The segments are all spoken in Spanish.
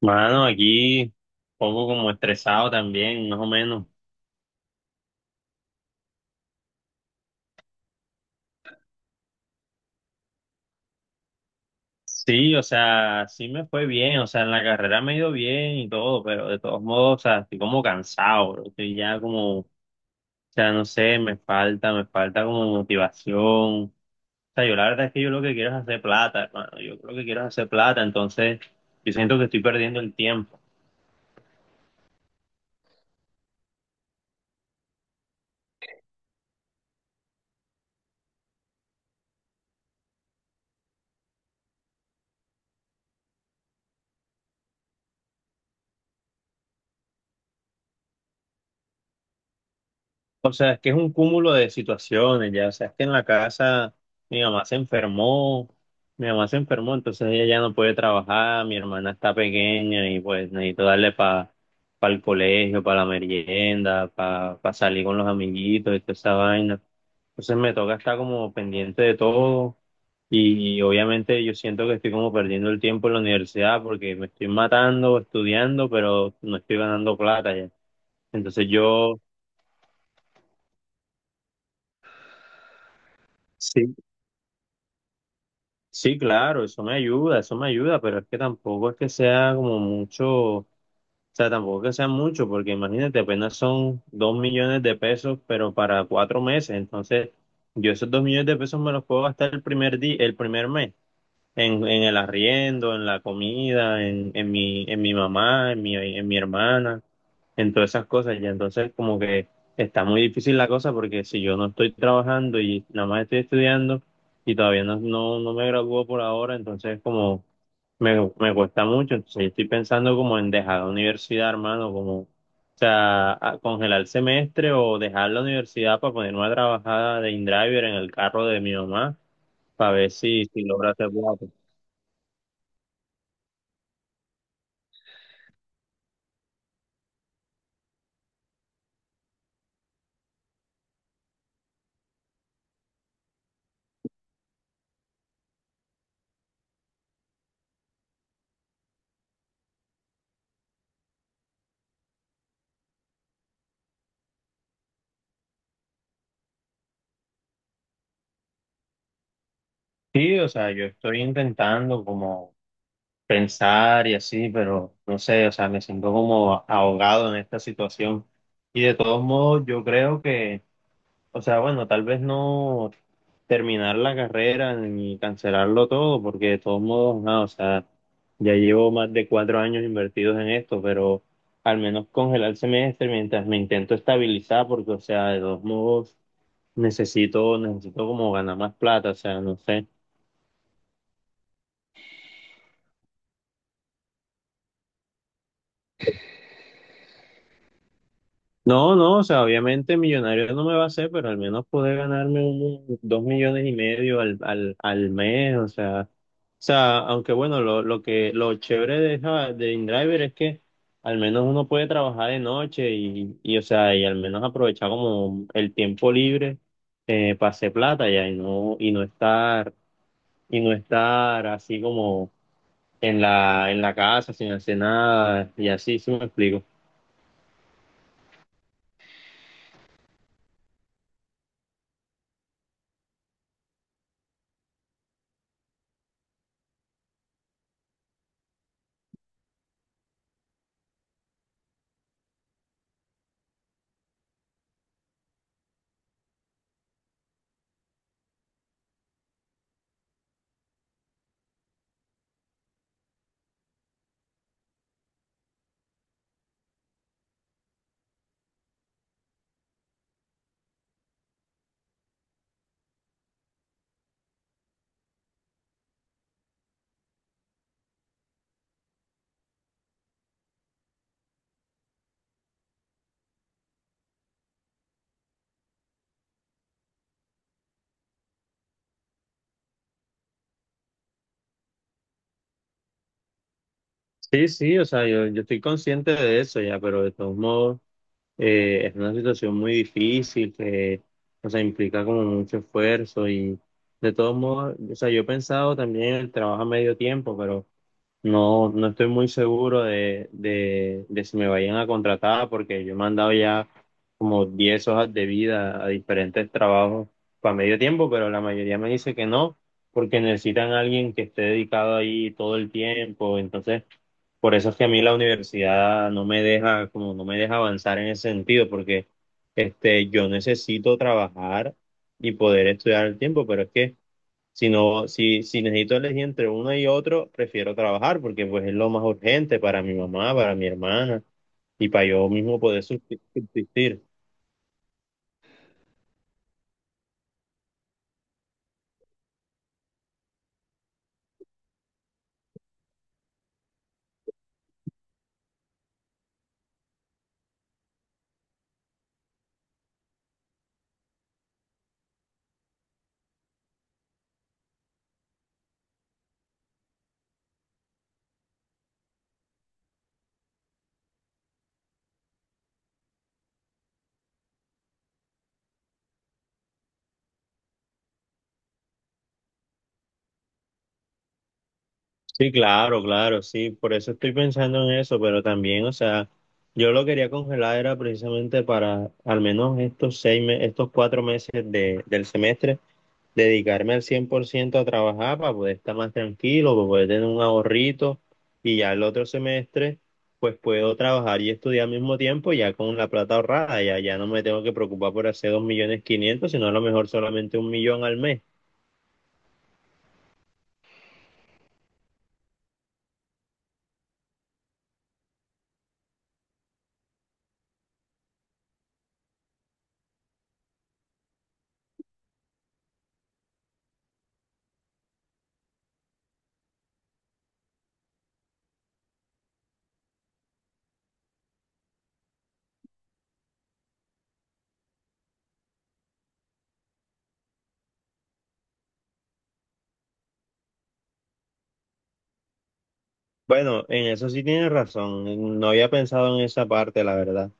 Mano, aquí un poco como estresado también, más o menos. Sí, o sea, sí me fue bien, o sea, en la carrera me ha ido bien y todo, pero de todos modos, o sea, estoy como cansado, bro. Estoy ya como, o sea, no sé, me falta como motivación. O sea, yo la verdad es que yo lo que quiero es hacer plata, hermano. Yo lo que quiero es hacer plata, entonces yo siento que estoy perdiendo el tiempo. O sea, es que es un cúmulo de situaciones, ya. O sea, es que en la casa mi mamá se enfermó, mi mamá se enfermó, entonces ella ya no puede trabajar, mi hermana está pequeña y pues necesito darle para el colegio, para la merienda, para salir con los amiguitos y toda esa vaina. Entonces me toca estar como pendiente de todo y obviamente yo siento que estoy como perdiendo el tiempo en la universidad porque me estoy matando estudiando, pero no estoy ganando plata ya. Entonces yo. Sí, sí, claro, eso me ayuda, pero es que tampoco es que sea como mucho, o sea, tampoco es que sea mucho, porque imagínate, apenas son 2 millones de pesos, pero para 4 meses, entonces yo esos 2 millones de pesos me los puedo gastar el primer día, el primer mes, en el arriendo, en la comida, en mi mamá, en mi hermana, en todas esas cosas. Ya, entonces como que está muy difícil la cosa porque si yo no estoy trabajando y nada más estoy estudiando y todavía no, no, no me gradúo por ahora, entonces como me cuesta mucho. Entonces yo estoy pensando como en dejar la universidad, hermano, como, o sea, congelar el semestre o dejar la universidad para poner una trabajada de InDriver en el carro de mi mamá para ver si, si logra hacer plata. Sí, o sea, yo estoy intentando como pensar y así, pero no sé, o sea, me siento como ahogado en esta situación. Y de todos modos, yo creo que, o sea, bueno, tal vez no terminar la carrera ni cancelarlo todo, porque de todos modos, no, o sea, ya llevo más de 4 años invertidos en esto, pero al menos congelar el semestre mientras me intento estabilizar, porque, o sea, de todos modos, necesito como ganar más plata, o sea, no sé. No, no, o sea, obviamente millonario no me va a hacer, pero al menos poder ganarme un, 2,5 millones al mes, o sea, aunque bueno, lo chévere de InDriver es que al menos uno puede trabajar de noche, o sea, y al menos aprovechar como el tiempo libre, para hacer plata ya y no estar así como en la casa sin hacer nada y así, si me explico. Sí, sí, o sea, yo estoy consciente de eso ya, pero de todos modos, es una situación muy difícil que, o sea, implica como mucho esfuerzo y de todos modos, o sea, yo he pensado también en el trabajo a medio tiempo, pero no, no estoy muy seguro de si me vayan a contratar porque yo he mandado ya como 10 hojas de vida a diferentes trabajos para medio tiempo, pero la mayoría me dice que no, porque necesitan a alguien que esté dedicado ahí todo el tiempo, entonces. Por eso es que a mí la universidad no me deja, como no me deja avanzar en ese sentido, porque yo necesito trabajar y poder estudiar al tiempo, pero es que si no, si, si necesito elegir entre uno y otro, prefiero trabajar, porque pues es lo más urgente para mi mamá, para mi hermana, y para yo mismo poder subsistir. Sí, claro, claro, sí, por eso estoy pensando en eso, pero también, o sea, yo lo quería congelar era precisamente para al menos estos cuatro meses de, del semestre, dedicarme al 100% a trabajar para poder estar más tranquilo, para poder tener un ahorrito y ya el otro semestre, pues puedo trabajar y estudiar al mismo tiempo ya con la plata ahorrada, ya, ya no me tengo que preocupar por hacer 2.500.000, sino a lo mejor solamente 1 millón al mes. Bueno, en eso sí tienes razón. No había pensado en esa parte, la verdad.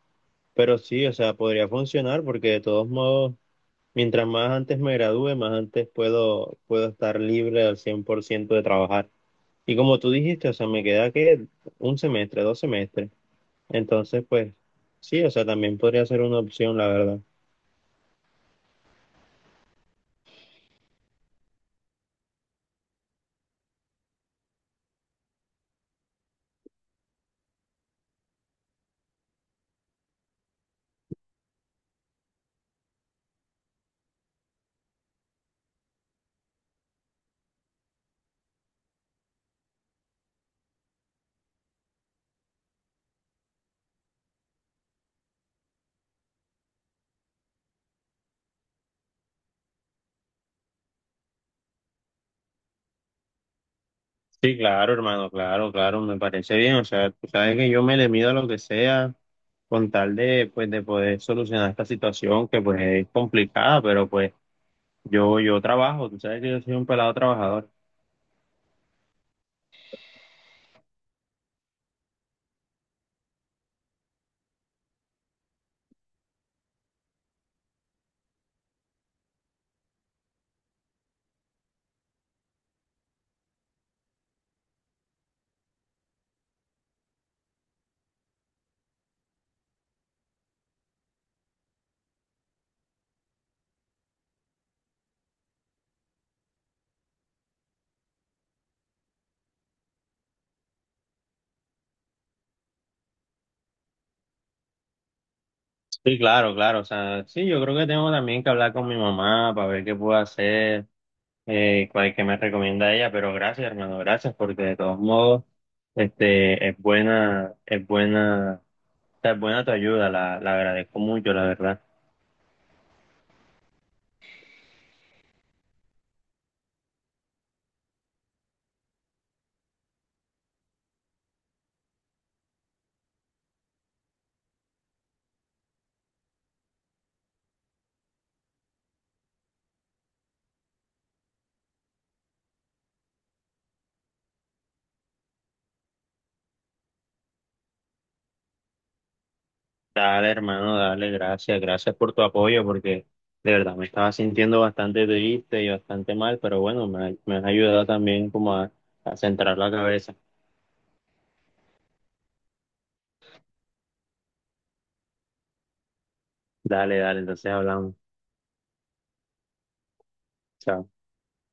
Pero sí, o sea, podría funcionar porque de todos modos, mientras más antes me gradúe, más antes puedo estar libre al 100% de trabajar. Y como tú dijiste, o sea, me queda que un semestre, dos semestres. Entonces, pues sí, o sea, también podría ser una opción, la verdad. Sí, claro, hermano, claro, claro, me parece bien. O sea, tú sabes que yo me le mido a lo que sea con tal de, pues, de poder solucionar esta situación que, pues, es complicada, pero, pues, yo trabajo, tú sabes que yo soy un pelado trabajador. Sí, claro, claro, o sea, sí, yo creo que tengo también que hablar con mi mamá para ver qué puedo hacer, cuál que me recomienda ella, pero gracias, hermano, gracias, porque de todos modos, es buena, o sea, es buena tu ayuda, la agradezco mucho, la verdad. Dale, hermano, dale, gracias, gracias por tu apoyo, porque de verdad me estaba sintiendo bastante triste y bastante mal, pero bueno, me has ayudado también como a centrar la cabeza. Dale, dale, entonces hablamos. Chao.